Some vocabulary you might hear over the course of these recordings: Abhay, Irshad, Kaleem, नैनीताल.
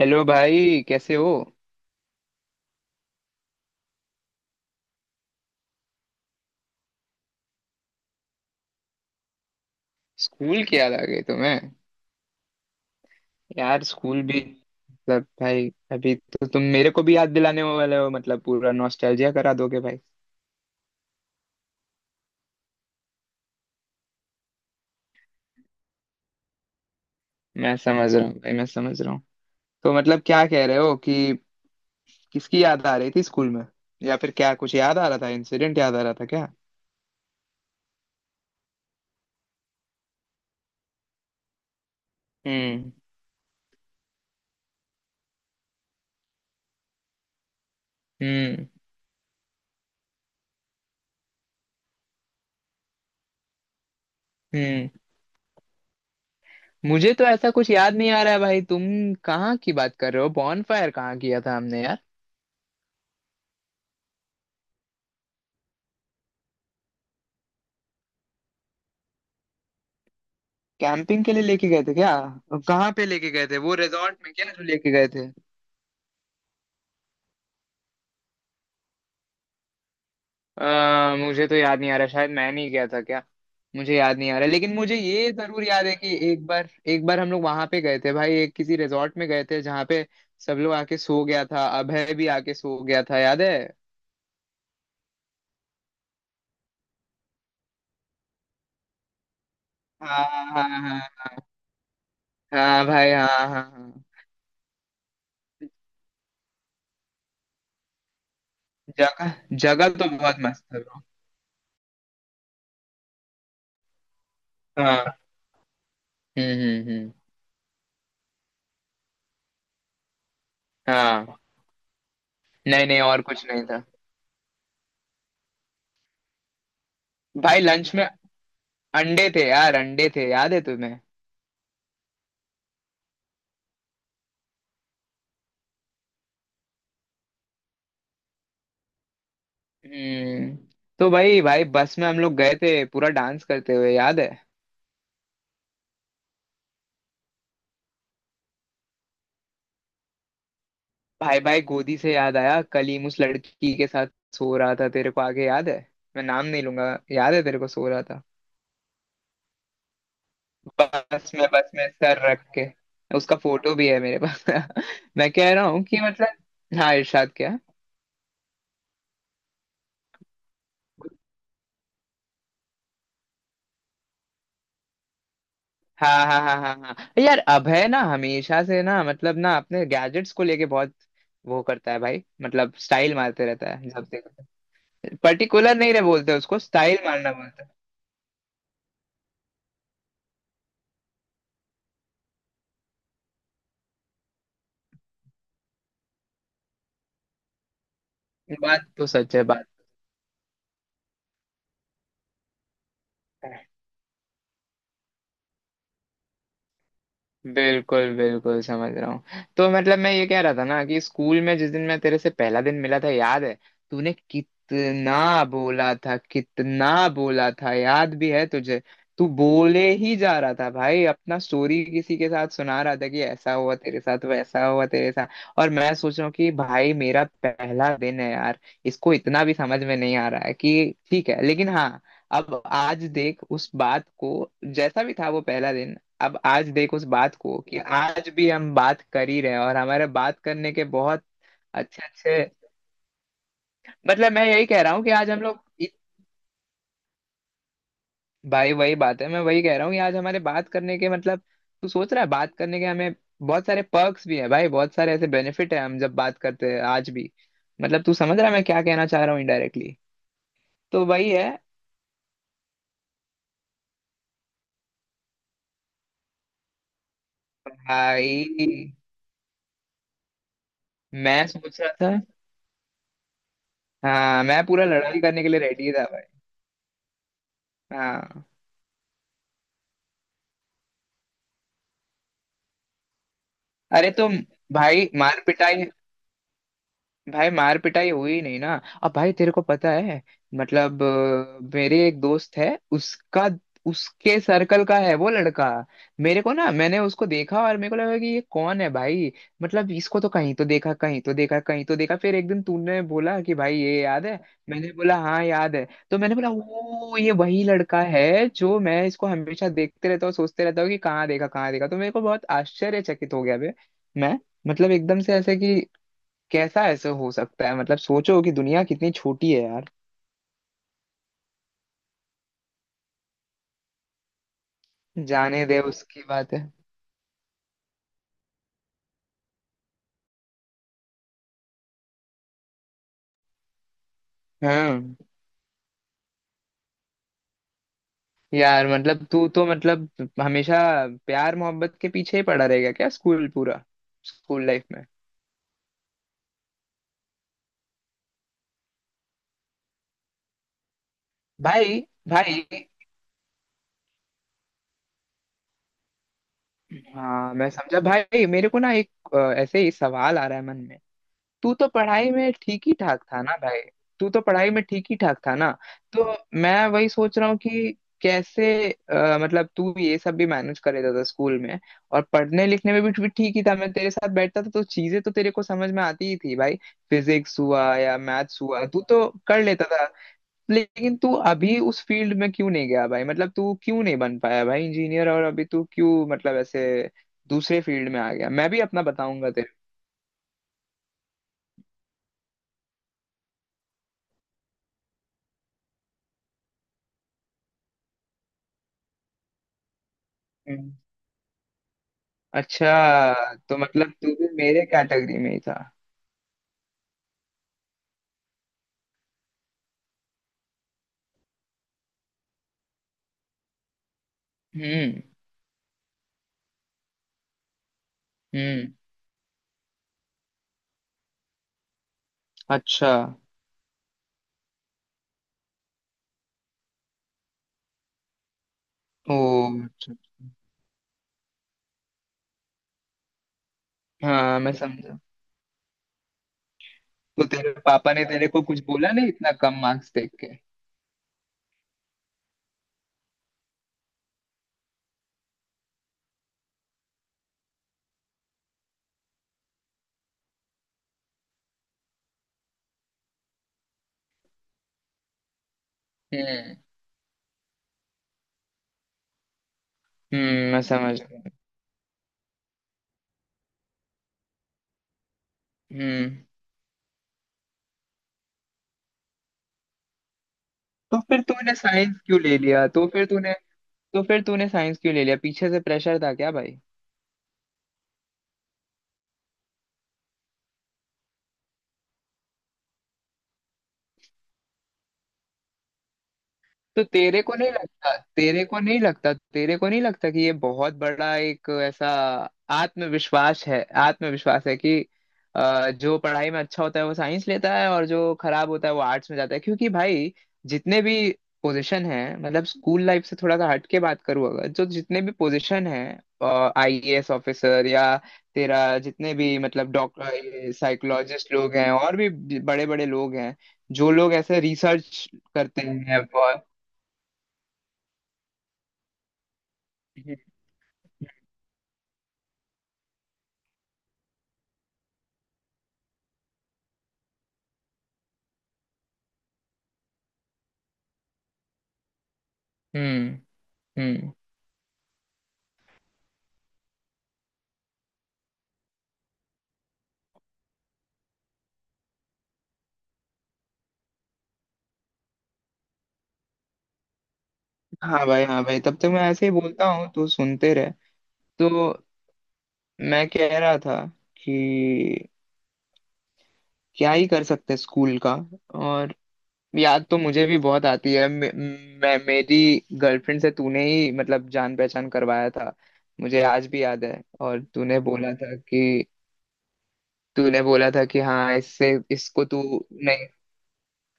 Hello भाई, कैसे हो? स्कूल की याद आ गई तुम्हें? यार स्कूल भी, मतलब भाई अभी तो तुम मेरे को भी याद दिलाने वाले हो, मतलब पूरा नॉस्टैल्जिया करा दोगे भाई। मैं समझ रहा हूँ भाई, मैं समझ रहा हूँ। तो मतलब क्या कह रहे हो कि। किसकी याद आ रही थी स्कूल में? या फिर क्या कुछ याद आ रहा था, इंसिडेंट याद आ रहा था क्या? हम्म, हम्म, हम्म। मुझे तो ऐसा कुछ याद नहीं आ रहा है भाई, तुम कहाँ की बात कर रहे हो? बॉनफायर कहाँ किया था हमने यार? कैंपिंग के लिए लेके गए थे क्या? कहाँ पे लेके गए थे? वो रिजॉर्ट में क्या जो लेके गए थे? मुझे तो याद नहीं आ रहा, शायद मैं नहीं गया था क्या? मुझे याद नहीं आ रहा, लेकिन मुझे ये जरूर याद है कि एक बार, एक बार हम लोग वहां पे गए थे भाई, एक किसी रिजॉर्ट में गए थे जहाँ पे सब लोग आके सो गया था, अभय भी आके सो गया था, याद है? हाँ, हाँ, हाँ, हाँ भाई, हाँ, हाँ, हाँ। जगह जगह तो बहुत मस्त है bro। हाँ। हम्म, हम्म, हम्म। हाँ। नहीं, नहीं, और कुछ नहीं था। भाई लंच में अंडे थे यार, अंडे थे, याद है तुम्हें? हम्म। तो भाई, भाई बस में हम लोग गए थे पूरा डांस करते हुए, याद है? भाई, भाई गोदी से याद आया, कलीम उस लड़की के साथ सो रहा था, तेरे को आगे याद है? मैं नाम नहीं लूंगा। याद है तेरे को? सो रहा था। बस में, बस में सर रख के उसका फोटो भी है मेरे पास। मैं कह रहा हूँ कि मतलब हाँ, इरशाद क्या? हाँ, हाँ, हाँ, हाँ, हाँ। यार अभय ना हमेशा से ना, मतलब ना अपने गैजेट्स को लेके बहुत वो करता है भाई, मतलब स्टाइल मारते रहता है जब देखो। पर्टिकुलर नहीं रहे बोलते, उसको स्टाइल मारना बोलते हैं। बात तो सच है बात। बिल्कुल, बिल्कुल समझ रहा हूँ। तो मतलब मैं ये कह रहा था ना, कि स्कूल में जिस दिन मैं तेरे से पहला दिन मिला था, याद है? तूने कितना बोला था, कितना बोला था, याद भी है तुझे? तू बोले ही जा रहा था भाई, अपना स्टोरी किसी के साथ सुना रहा था कि ऐसा हुआ तेरे साथ, वैसा हुआ तेरे साथ। और मैं सोच रहा हूँ कि भाई मेरा पहला दिन है यार, इसको इतना भी समझ में नहीं आ रहा है, कि ठीक है लेकिन हाँ, अब आज देख उस बात को, जैसा भी था वो पहला दिन। अब आज देख उस बात को कि आज भी हम बात कर ही रहे हैं, और हमारे बात करने के बहुत अच्छे अच्छे। मतलब मैं यही कह रहा हूँ कि आज हम लोग भाई वही बात है, मैं वही कह रहा हूँ कि आज हमारे बात करने के मतलब, तू सोच रहा है बात करने के, हमें बहुत सारे पर्क्स भी है भाई, बहुत सारे ऐसे बेनिफिट है, हम जब बात करते हैं आज भी। मतलब तू समझ रहा है मैं क्या कहना चाह रहा हूँ इनडायरेक्टली? तो वही है भाई। मैं सोच रहा था। हाँ, मैं पूरा लड़ाई करने के लिए रेडी था भाई। हाँ, अरे तुम, भाई मार पिटाई, भाई मार पिटाई हुई नहीं ना? अब भाई तेरे को पता है, मतलब मेरे एक दोस्त है, उसका उसके सर्कल का है वो लड़का। मेरे को ना, मैंने उसको देखा और मेरे को लगा कि ये कौन है भाई, मतलब इसको तो कहीं तो देखा, कहीं तो देखा, कहीं तो देखा, फिर एक दिन तूने बोला कि भाई ये, याद है? मैंने बोला हाँ, याद है। तो मैंने बोला ओ, ये वही लड़का है, जो मैं इसको हमेशा देखते रहता हूँ, सोचते रहता हूँ कि कहाँ देखा, कहाँ देखा, तो मेरे को बहुत आश्चर्यचकित हो गया बे। मैं, मतलब एकदम से ऐसे कि कैसा ऐसे हो सकता है, मतलब सोचो कि दुनिया कितनी छोटी है यार। जाने दे, उसकी बात है। हाँ यार, मतलब तू तो, मतलब हमेशा प्यार मोहब्बत के पीछे ही पड़ा रहेगा क्या, स्कूल पूरा स्कूल लाइफ में भाई, भाई? हाँ मैं समझा भाई, मेरे को ना एक ऐसे ही सवाल आ रहा है मन में। तू तो पढ़ाई में ठीक ही ठाक था ना भाई? तू तो पढ़ाई में ठीक ही ठाक था ना? तो मैं वही सोच रहा हूँ कि कैसे मतलब तू ये सब भी मैनेज कर लेता था स्कूल में, और पढ़ने लिखने में भी ठीक ही था, मैं तेरे साथ बैठता था तो चीजें तो तेरे को समझ में आती ही थी भाई। फिजिक्स हुआ या मैथ्स हुआ, तू तो कर लेता था। लेकिन तू अभी उस फील्ड में क्यों नहीं गया भाई? मतलब तू क्यों नहीं बन पाया भाई इंजीनियर? और अभी तू क्यों, मतलब ऐसे दूसरे फील्ड में आ गया? मैं भी अपना बताऊंगा। तेरे अच्छा, तो मतलब तू भी मेरे कैटेगरी में ही था। हम्म, हम्म। अच्छा। ओ, अच्छा। हाँ मैं समझा। तो तेरे पापा ने तेरे को कुछ बोला नहीं इतना कम मार्क्स देख के? हम्म, हम्म। मैं समझ गया। हम्म। तो फिर तूने साइंस क्यों ले लिया? तो फिर तूने साइंस क्यों ले लिया, पीछे से प्रेशर था क्या भाई? तो तेरे को नहीं लगता कि ये बहुत बड़ा एक ऐसा आत्मविश्वास है, आत्मविश्वास है कि जो पढ़ाई में अच्छा होता है वो साइंस लेता है, और जो खराब होता है वो आर्ट्स में जाता है, क्योंकि भाई जितने भी पोजीशन है, मतलब स्कूल लाइफ से थोड़ा सा हट के बात करूँ अगर, जो जितने भी पोजीशन है, आईएएस ऑफिसर या तेरा जितने भी, मतलब डॉक्टर, साइकोलॉजिस्ट लोग हैं, और भी बड़े बड़े लोग हैं, जो लोग ऐसे रिसर्च करते हैं। हम्म, हम्म। हाँ भाई, हाँ भाई, तब तक मैं ऐसे ही बोलता हूँ तो सुनते रहे। तो मैं कह रहा था कि क्या ही कर सकते हैं स्कूल का, और याद तो मुझे भी बहुत आती है, मे, मैं मेरी गर्लफ्रेंड से तूने ही मतलब जान पहचान करवाया था, मुझे आज भी याद है, और तूने बोला था कि, तूने बोला था कि हाँ इससे, इसको तू नहीं,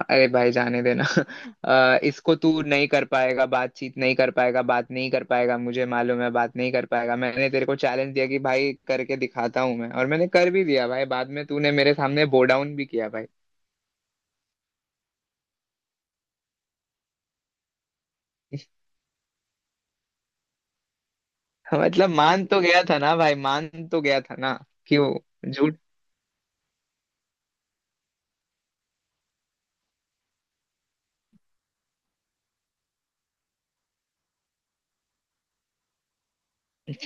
अरे भाई जाने देना। इसको तू नहीं कर पाएगा, बातचीत नहीं कर पाएगा, बात नहीं कर पाएगा, मुझे मालूम है बात नहीं कर पाएगा। मैंने तेरे को चैलेंज दिया कि भाई करके दिखाता हूँ मैं, और मैंने कर भी दिया भाई, बाद में तूने मेरे सामने बो डाउन भी किया भाई। मतलब मान तो गया था ना भाई, मान तो गया था ना? क्यों? झूठ।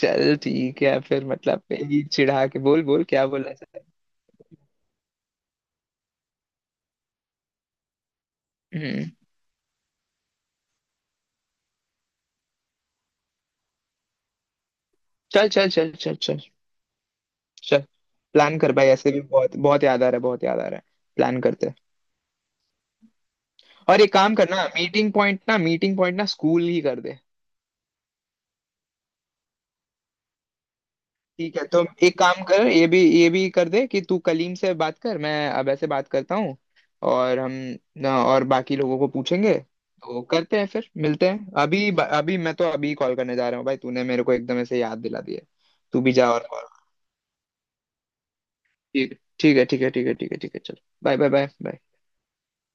चल ठीक है फिर, मतलब यही चिढ़ा के, बोल बोल क्या बोला जाए। हम्म। चल, चल, चल, चल, चल, चल। प्लान कर भाई, ऐसे भी बहुत बहुत याद आ रहा है, बहुत याद आ रहा है। प्लान करते हैं। और एक काम करना, मीटिंग पॉइंट ना, मीटिंग पॉइंट ना स्कूल ही कर दे। ठीक है, तो एक काम कर, ये भी कर दे कि तू कलीम से बात कर, मैं अब ऐसे बात करता हूँ और हम ना, और बाकी लोगों को पूछेंगे तो करते हैं, फिर मिलते हैं अभी, अभी मैं तो अभी कॉल करने जा रहा हूँ भाई, तूने मेरे को एकदम ऐसे याद दिला दिया। तू भी जा और कॉल। ठीक ठीक है, ठीक है, ठीक है, ठीक है, ठीक है, चल। Bye, bye, bye, bye.